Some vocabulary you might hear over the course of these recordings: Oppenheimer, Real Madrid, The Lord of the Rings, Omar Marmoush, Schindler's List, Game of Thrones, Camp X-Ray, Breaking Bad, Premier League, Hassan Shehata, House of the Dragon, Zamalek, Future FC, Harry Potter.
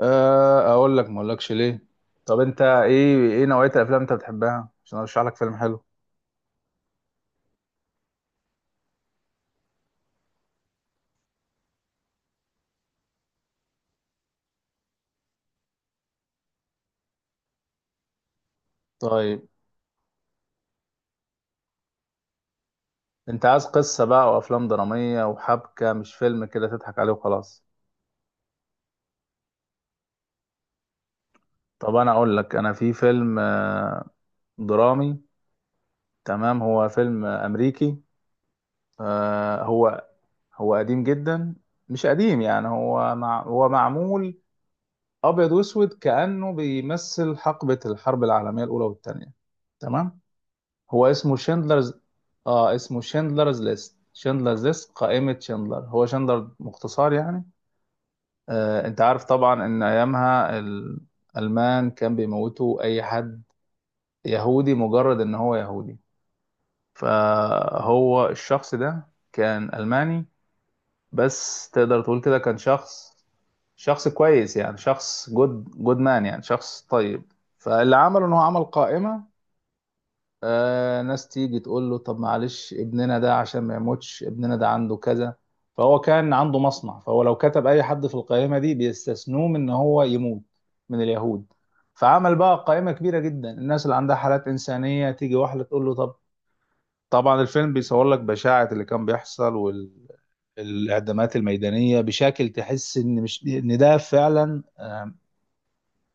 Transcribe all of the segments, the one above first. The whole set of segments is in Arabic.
أه، اقول لك ما اقولكش ليه؟ طب انت ايه نوعية الافلام انت بتحبها عشان ارشح لك فيلم حلو؟ طيب، انت عايز قصة بقى وافلام درامية وحبكة، مش فيلم كده تضحك عليه وخلاص. طب انا اقول لك، انا في فيلم درامي. تمام، هو فيلم امريكي. آه، هو هو قديم جدا. مش قديم يعني، هو معمول ابيض واسود، كأنه بيمثل حقبة الحرب العالمية الاولى والثانية. تمام، هو اسمه شندلرز. اه، اسمه شندلرز ليست، شندلرز ليست، قائمة شندلر، هو شندلر مختصر يعني. انت عارف طبعا ان ايامها الالمان كان بيموتوا اي حد يهودي، مجرد ان هو يهودي. فهو الشخص ده كان الماني، بس تقدر تقول كده، كان شخص كويس يعني، شخص جود مان يعني شخص طيب. فاللي عمله ان هو عمل قائمة. ناس تيجي تقول له، طب معلش ابننا ده عشان ما يموتش، ابننا ده عنده كذا. فهو كان عنده مصنع، فهو لو كتب اي حد في القائمه دي بيستثنوه من ان هو يموت، من اليهود. فعمل بقى قائمه كبيره جدا، الناس اللي عندها حالات انسانيه تيجي واحده تقول له طب. طبعا الفيلم بيصور لك بشاعه اللي كان بيحصل والاعدامات الميدانيه، بشكل تحس ان مش ان ده فعلا.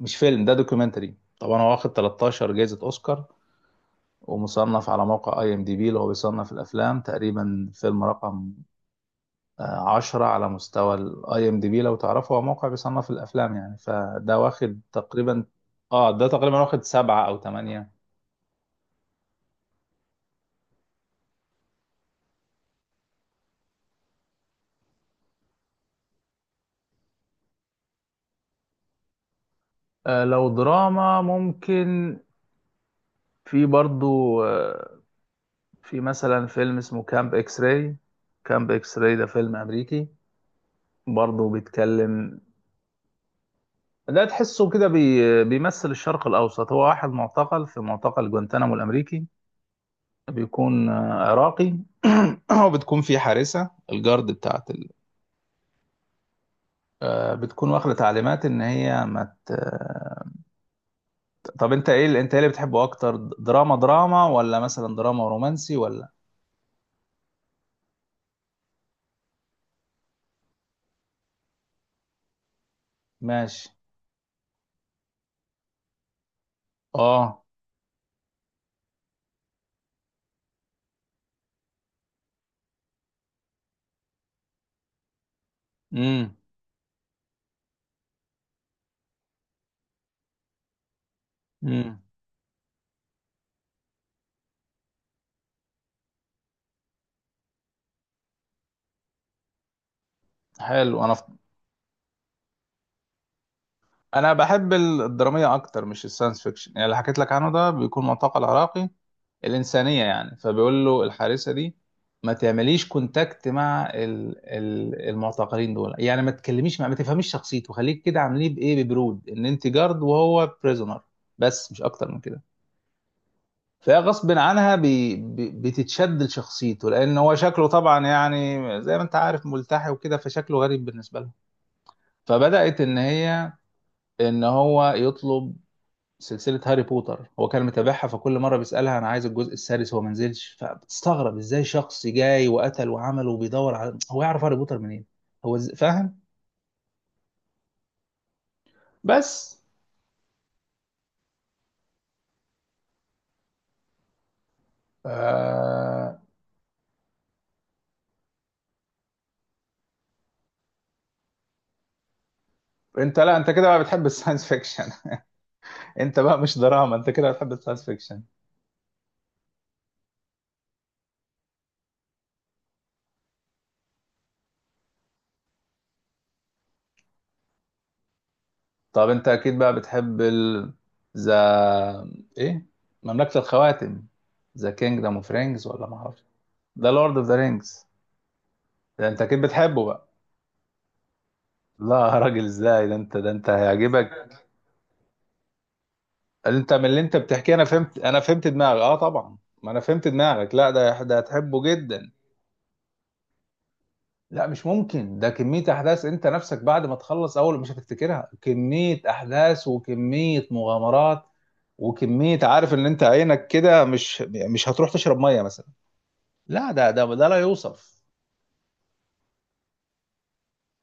مش فيلم ده دوكيومنتري. طبعا هو واخد 13 جائزه اوسكار، ومصنف على موقع اي ام دي بي اللي هو بيصنف الافلام، تقريبا فيلم رقم 10 على مستوى الاي ام دي بي. لو تعرفه، هو موقع بيصنف الافلام، يعني فده واخد تقريبا. اه ده تقريبا واخد 7 او 8. لو دراما ممكن. في برضو. في مثلا فيلم اسمه كامب اكس راي. كامب اكس راي ده فيلم امريكي، برضو بيتكلم. ده تحسه كده بيمثل الشرق الاوسط. هو واحد معتقل في معتقل جوانتانامو الامريكي، بيكون عراقي. وبتكون في حارسة، الجارد بتاعت ال... بتكون واخدة تعليمات ان هي ما ت... آه، طب انت ايه اللي بتحبه اكتر، دراما ولا مثلا دراما ورومانسي ولا؟ ماشي. اه. امم. امم. حلو. انا بحب الدراميه اكتر مش الساينس فيكشن، يعني اللي حكيت لك عنه ده بيكون معتقل عراقي. الإنسانية يعني، فبيقول له الحارسة دي، ما تعمليش كونتاكت مع المعتقلين دول، يعني ما تكلميش مع ما تفهميش شخصيته، خليك كده عامليه بإيه، ببرود، إن أنت جارد وهو بريزونر. بس مش أكتر من كده. فهي غصب عنها بي بي بتتشد لشخصيته، لأن هو شكله طبعا، يعني زي ما أنت عارف، ملتحي وكده، فشكله غريب بالنسبة لها. فبدأت إن هو يطلب سلسلة هاري بوتر. هو كان متابعها، فكل مرة بيسألها أنا عايز الجزء السادس، هو ما نزلش. فبتستغرب إزاي شخص جاي وقتل وعمل وبيدور على، هو يعرف هاري بوتر منين؟ هو فاهم. بس آه... أنت، لا، أنت كده بقى بتحب الساينس فيكشن. أنت بقى مش دراما، أنت كده بتحب الساينس فيكشن. طب أنت أكيد بقى بتحب ال، ذا، إيه، مملكة الخواتم، ذا كينجدم أوف رينجز ولا ما أعرفش. ذا لورد أوف ذا رينجز. ده أنت أكيد بتحبه بقى. لا يا راجل، ازاي ده انت هيعجبك. انت من اللي انت بتحكيه، انا فهمت دماغك، اه طبعا. ما انا فهمت دماغك، لا، ده هتحبه جدا. لا مش ممكن، ده كمية احداث، انت نفسك بعد ما تخلص اول مش هتفتكرها، كمية احداث وكمية مغامرات وكمية، عارف ان انت عينك كده، مش هتروح تشرب مية مثلا. لا، ده لا يوصف.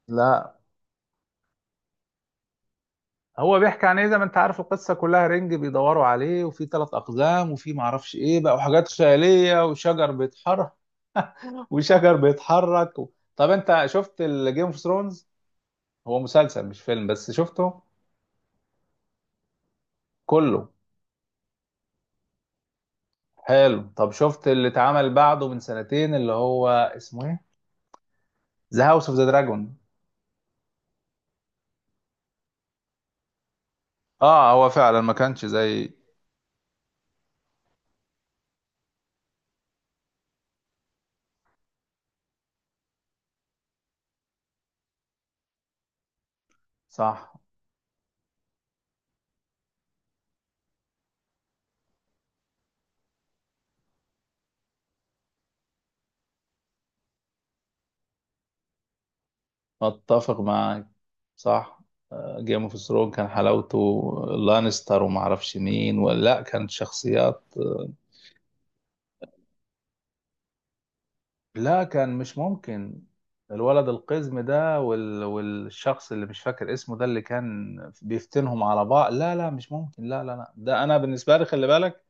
لا، هو بيحكي عن ايه؟ زي ما انت عارف، القصة كلها رنج بيدوروا عليه، وفي ثلاث اقزام، وفي معرفش ايه بقى، وحاجات خيالية وشجر بيتحرك، وشجر بيتحرك. طب انت شفت الجيم اوف ثرونز؟ هو مسلسل مش فيلم، بس شفته كله. حلو. طب شفت اللي اتعمل بعده من سنتين، اللي هو اسمه ايه، ذا هاوس اوف ذا دراجون؟ اه هو فعلا ما كانش زي. صح. اتفق معاك. صح. جيم اوف ثرونز كان حلاوته لانستر وما اعرفش مين، ولا كانت شخصيات. لا كان مش ممكن. الولد القزم ده والشخص اللي مش فاكر اسمه، ده اللي كان بيفتنهم على بعض. لا لا مش ممكن. لا لا لا، ده انا بالنسبه لي خلي بالك،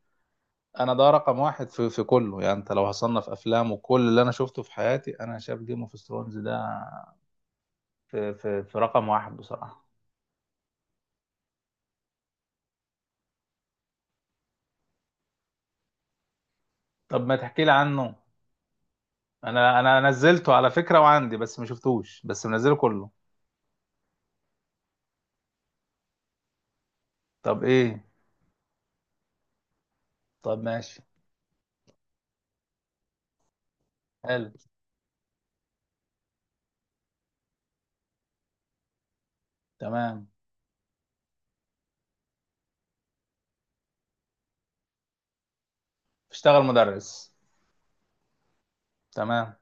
انا ده رقم واحد في كله يعني. انت لو هصنف افلام وكل اللي انا شفته في حياتي، انا شايف جيم اوف ثرونز ده في رقم واحد بصراحه. طب ما تحكي لي عنه. انا نزلته على فكره وعندي، بس ما شفتوش، بس منزله كله. طب ايه؟ طب ماشي. حلو. تمام. اشتغل مدرس. تمام.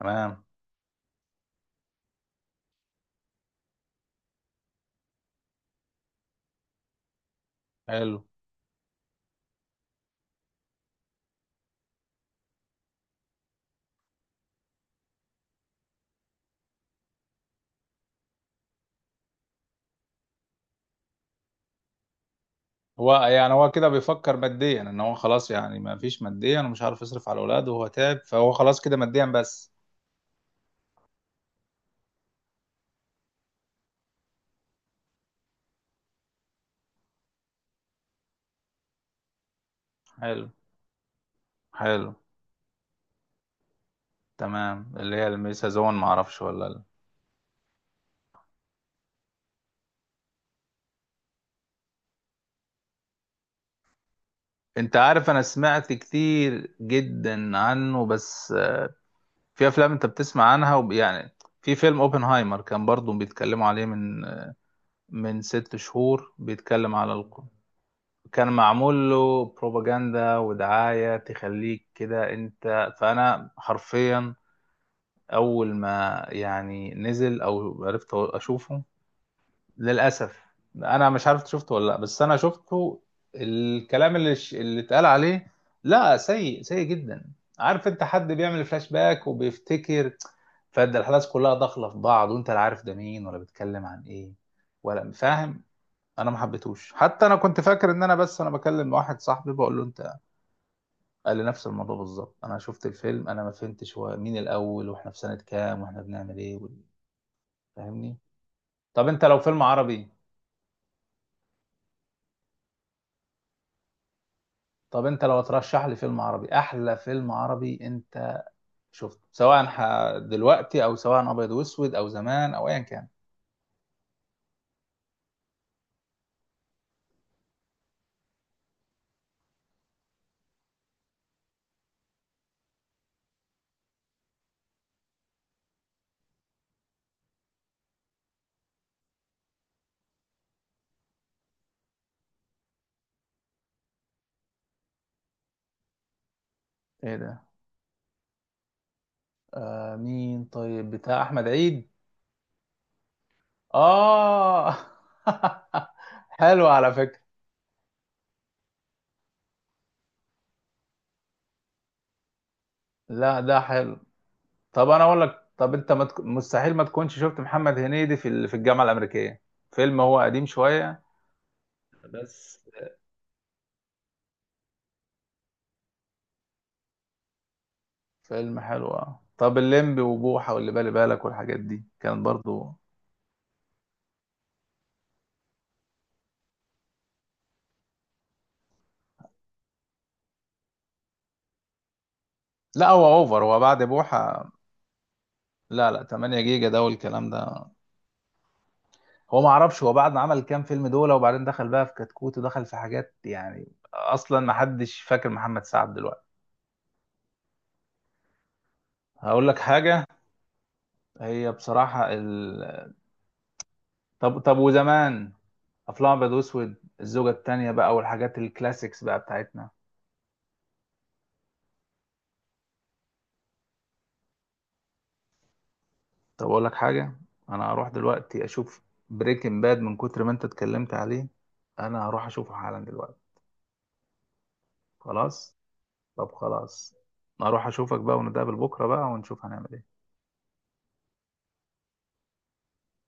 تمام. حلو. هو يعني هو كده بيفكر ماديا ان هو خلاص يعني، ما فيش ماديا ومش عارف يصرف على اولاده وهو تعب، فهو خلاص كده ماديا بس. حلو. حلو. تمام. اللي هي الميس هزون، ما اعرفش ولا لا. انت عارف، انا سمعت كتير جدا عنه، بس في افلام انت بتسمع عنها يعني. في فيلم اوبنهايمر كان برضو بيتكلموا عليه من 6 شهور. بيتكلم على كان معمول له بروباجندا ودعاية، تخليك كده انت، فانا حرفيا اول ما يعني نزل او عرفت اشوفه، للاسف انا مش عارف شفته ولا لا، بس انا شفته. الكلام اللي اللي اتقال عليه، لا، سيء سيء جدا. عارف، انت حد بيعمل فلاش باك وبيفتكر، فده الاحداث كلها داخله في بعض وانت لا عارف ده مين، ولا بيتكلم عن ايه، ولا فاهم. انا ما حبيتهوش. حتى انا كنت فاكر ان انا، بس انا بكلم واحد صاحبي بقول له انت، قال لي نفس الموضوع بالظبط، انا شفت الفيلم انا ما فهمتش هو مين الاول، واحنا في سنة كام، واحنا بنعمل ايه فاهمني؟ طب انت لو فيلم عربي، طب انت لو ترشح لي فيلم عربي، احلى فيلم عربي انت شفته، سواء دلوقتي او سواء ابيض واسود او زمان او ايا كان. ايه ده؟ مين؟ طيب بتاع احمد عيد؟ اه. حلو على فكرة. لا ده حلو. طب انا اقول لك، طب انت ما تك... مستحيل ما تكونش شفت محمد هنيدي في الجامعه الامريكيه. فيلم هو قديم شويه بس، فيلم حلو. اه طب الليمبي وبوحه واللي بالي بالك والحاجات دي كانت برضو. لا هو اوفر، هو بعد بوحه، لا لا 8 جيجا ده والكلام ده. هو ما اعرفش هو بعد ما عمل كام فيلم دول، وبعدين دخل بقى في كتكوت ودخل في حاجات، يعني اصلا ما حدش فاكر محمد سعد دلوقتي. هقول لك حاجه، هي بصراحه. طب وزمان، افلام ابيض واسود، الزوجه التانية بقى والحاجات الكلاسيكس بقى بتاعتنا. طب اقول لك حاجه، انا هروح دلوقتي اشوف بريكنج باد من كتر ما انت اتكلمت عليه، انا هروح اشوفه حالا دلوقتي. خلاص. طب خلاص. هروح اشوفك بقى ونتقابل بكره بقى ونشوف هنعمل ايه.